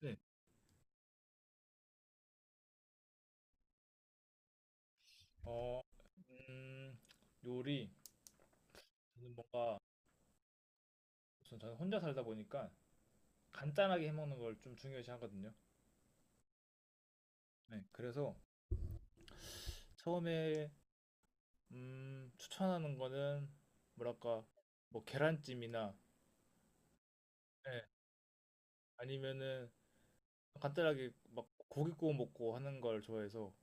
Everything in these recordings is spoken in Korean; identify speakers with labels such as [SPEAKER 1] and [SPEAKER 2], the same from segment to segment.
[SPEAKER 1] 네. 어, 음, 요리. 저는 뭔가, 우선 저는 혼자 살다 보니까 간단하게 해먹는 걸 좀 중요시 하거든요. 네. 그래서 처음에, 추천하는 거는, 뭐랄까, 뭐, 계란찜이나, 네. 아니면은, 간단하게 막 고기 구워 먹고 하는 걸 좋아해서,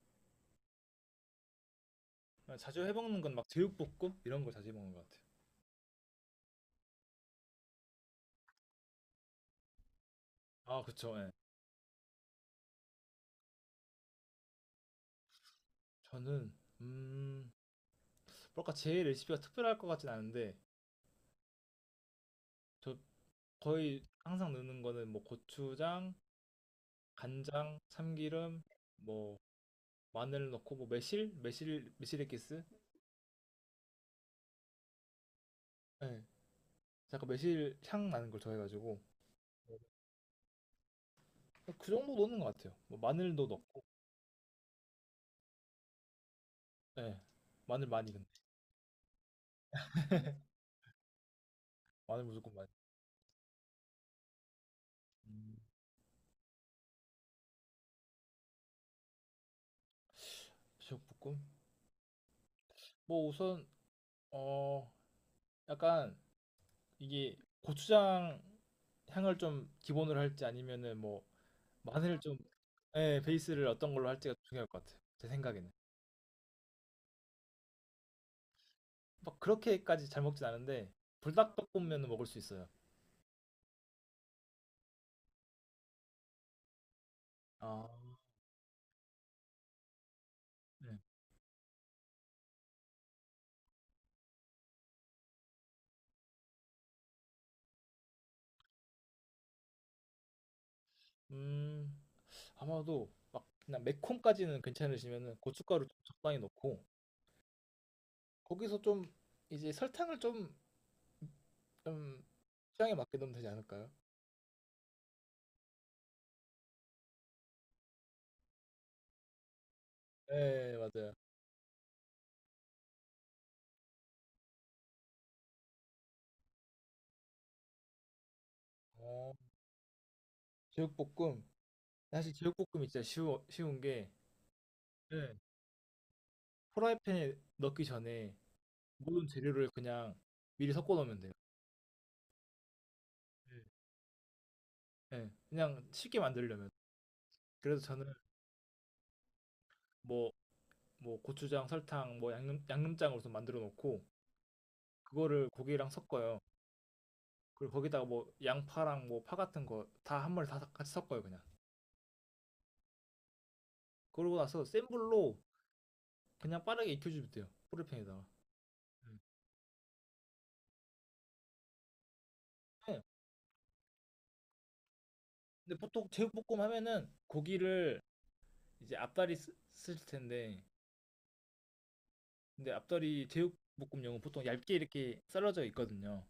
[SPEAKER 1] 그냥 자주 해먹는 건 막 제육볶음? 이런 걸 자주 해먹는 것 같아요. 아, 그쵸. 예. 저는, 음, 제 레시피가 특별할 것 같진 않은데, 저 거의 항상 넣는 거는 뭐 고추장, 간장, 참기름, 뭐 마늘 넣고 뭐 매실액기스, 예, 약간 매실 향 나는 걸 좋아해가지고 그 정도 넣는 것 같아요. 뭐 마늘도 넣고, 예, 마늘 많이 근데 마늘 무조건 많이. 음, 제육볶음? 뭐 우선 어 약간 이게 고추장 향을 좀 기본으로 할지 아니면은 뭐 마늘 좀, 예, 베이스를 어떤 걸로 할지가 중요할 것 같아요. 제 생각에는. 막 그렇게까지 잘 먹진 않은데 불닭볶음면은 먹을 수 있어요. 아, 네. 음, 아마도 막 그냥 매콤까지는 괜찮으시면은 고춧가루 좀 적당히 넣고 거기서 좀 이제 설탕을 좀, 좀 취향에 맞게 넣으면 되지 않을까요? 네, 맞아요. 어, 제육볶음. 사실 제육볶음이 진짜 쉬운 게 네. 프라이팬에 넣기 전에 모든 재료를 그냥 미리 섞어 놓으면 돼요. 네. 네, 그냥 쉽게 만들려면. 그래서 저는 뭐 뭐 고추장, 설탕, 뭐 양념장으로서 만들어 놓고 그거를 고기랑 섞어요. 그리고 거기다가 뭐 양파랑 뭐 파 같은 거 다 한 마리 다 같이 섞어요 그냥. 그러고 나서 센 불로 그냥 빠르게 익혀주면 돼요. 프라이팬에다가. 네. 근데 보통 제육볶음 하면은 고기를 이제 앞다리 쓸 텐데 근데 앞다리 제육볶음용은 보통 얇게 이렇게 썰어져 있거든요.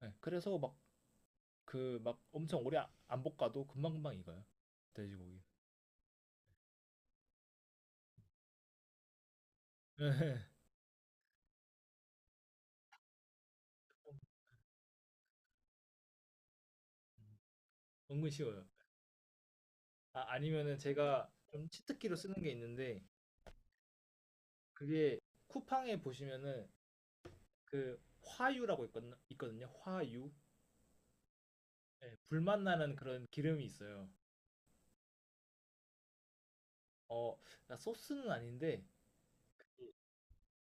[SPEAKER 1] 네, 그래서 엄청 오래 안 볶아도 금방금방 익어요. 돼지고기. 은근 쉬워요. 아, 아니면은 제가 좀 치트키로 쓰는 게 있는데 그게 쿠팡에 보시면은 그 화유라고 있거든요. 화유. 예, 불맛 나는 그런 기름이 있어요. 어, 그러니까 소스는 아닌데 그,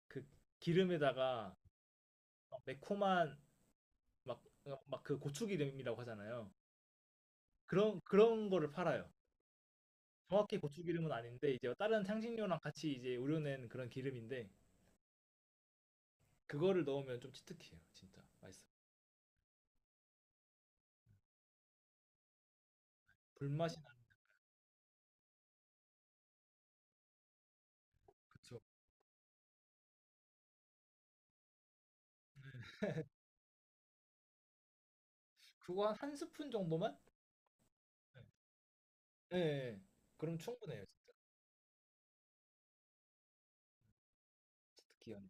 [SPEAKER 1] 그 기름에다가 막 매콤한 막막그 고추기름이라고 하잖아요. 그런 거를 팔아요. 정확히 고추기름은 아닌데 이제 다른 향신료랑 같이 이제 우려낸 그런 기름인데 그거를 넣으면 좀 치트키예요, 진짜 맛있어요. 불맛이 나는. 그거 한 스푼 정도만? 네. 예. 예. 그럼 충분해요, 진짜. 스키는.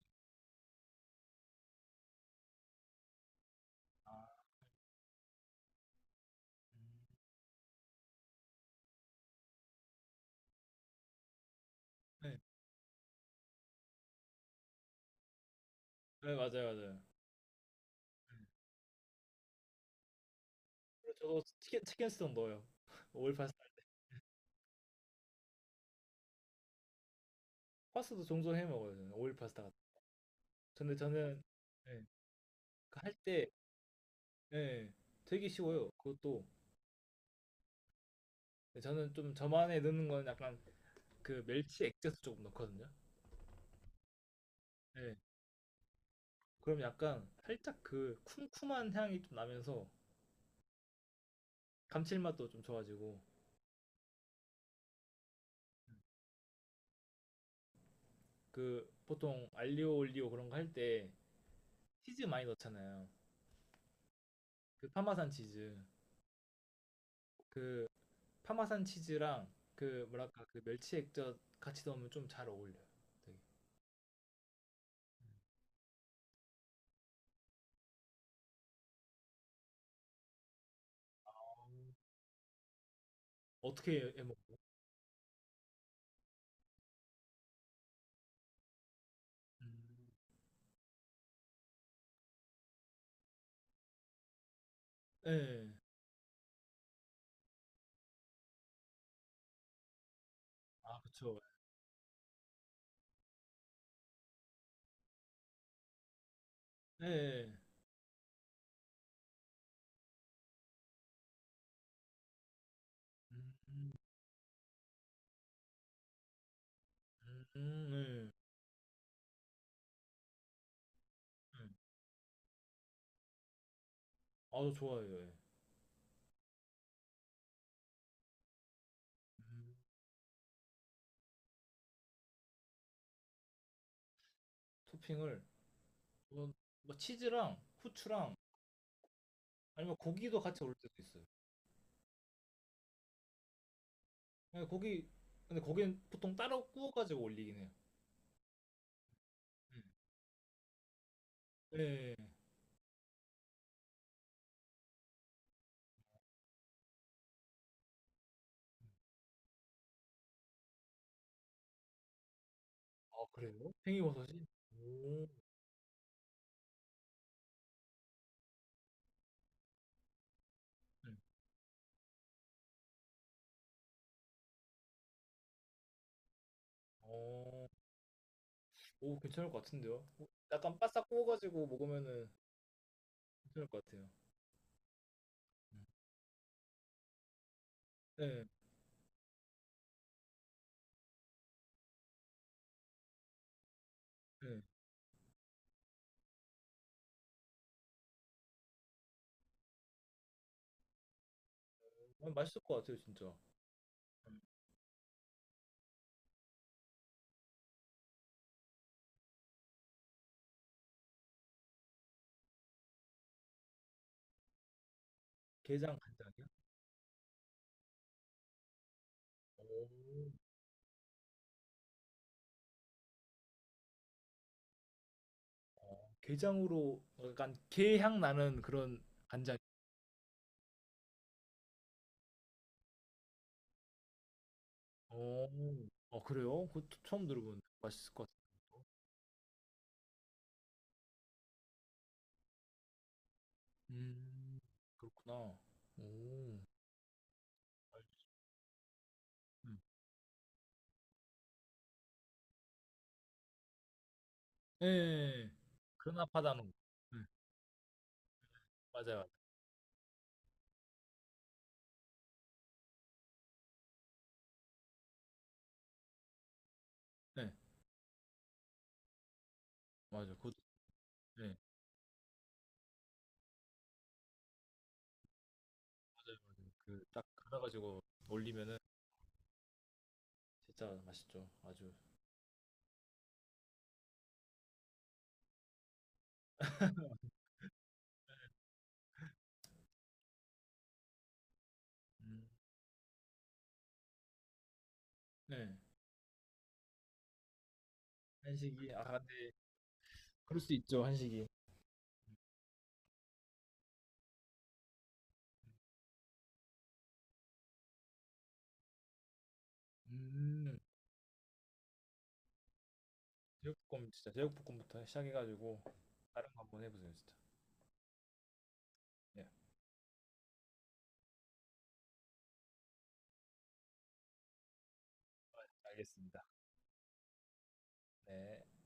[SPEAKER 1] 아, 음. 네. 네, 맞아요, 맞아요. 그리고 저도 치킨 스톡 넣어요. 오일 파스타. 파스타도 종종 해 먹어요, 저는. 오일 파스타 같은. 거. 근데 저는 예. 그할 때, 예. 예. 되게 쉬워요. 그것도 예, 저는 좀 저만의 넣는 건 약간 그 멸치 액젓을 조금 넣거든요. 예. 그럼 약간 살짝 그 쿰쿰한 향이 좀 나면서 감칠맛도 좀 좋아지고 그 보통 알리오 올리오 그런 거할때 치즈 많이 넣잖아요. 그 파마산 치즈. 그 파마산 치즈랑 그 뭐랄까 그 멸치 액젓 같이 넣으면 좀 잘 어울려요. 되게. 어떻게 해 먹어? 음. 예. 아, 그쵸. 예. 예. 음, 음, 음, 예. 예. 아, 저 좋아해요. 예. 음. 토핑을 뭐, 뭐 치즈랑 후추랑 아니면 고기도 같이 올릴 때도 있어요. 예, 고기 근데 고기는 보통 따로 구워가지고 올리긴 해요. 예. 예. 아, 그래요? 팽이버섯이? 오. 네. 어, 오, 괜찮을 것 같은데요? 오, 약간 바싹 구워가지고 먹으면은 괜찮을 것 같아요. 음. 네, 네. 어, 맛있을 것 같아요, 진짜. 음. 게장 간장이요? 오, 어, 게장으로 약간 게향 나는 그런 간장. 오, 어, 그래요? 그것도 처음 들어보는데 맛있을 것 같아요. 음, 그렇구나. 오, 알- 음. 예, 예, 예. 그러나 파다노. 네, 맞아요. 맞아요. 네, 맞아요. 그것도, 네. 그딱 갈아가지고 올리면은 진짜 맛있죠. 아주. 음, 네. 한식이 아 근데 그럴 수 있죠 한식이. 음. 제육볶음 진짜 제육볶음부터 시작해가지고 다른 거 한번 해보세요, 진짜. 네, 알겠습니다. 네.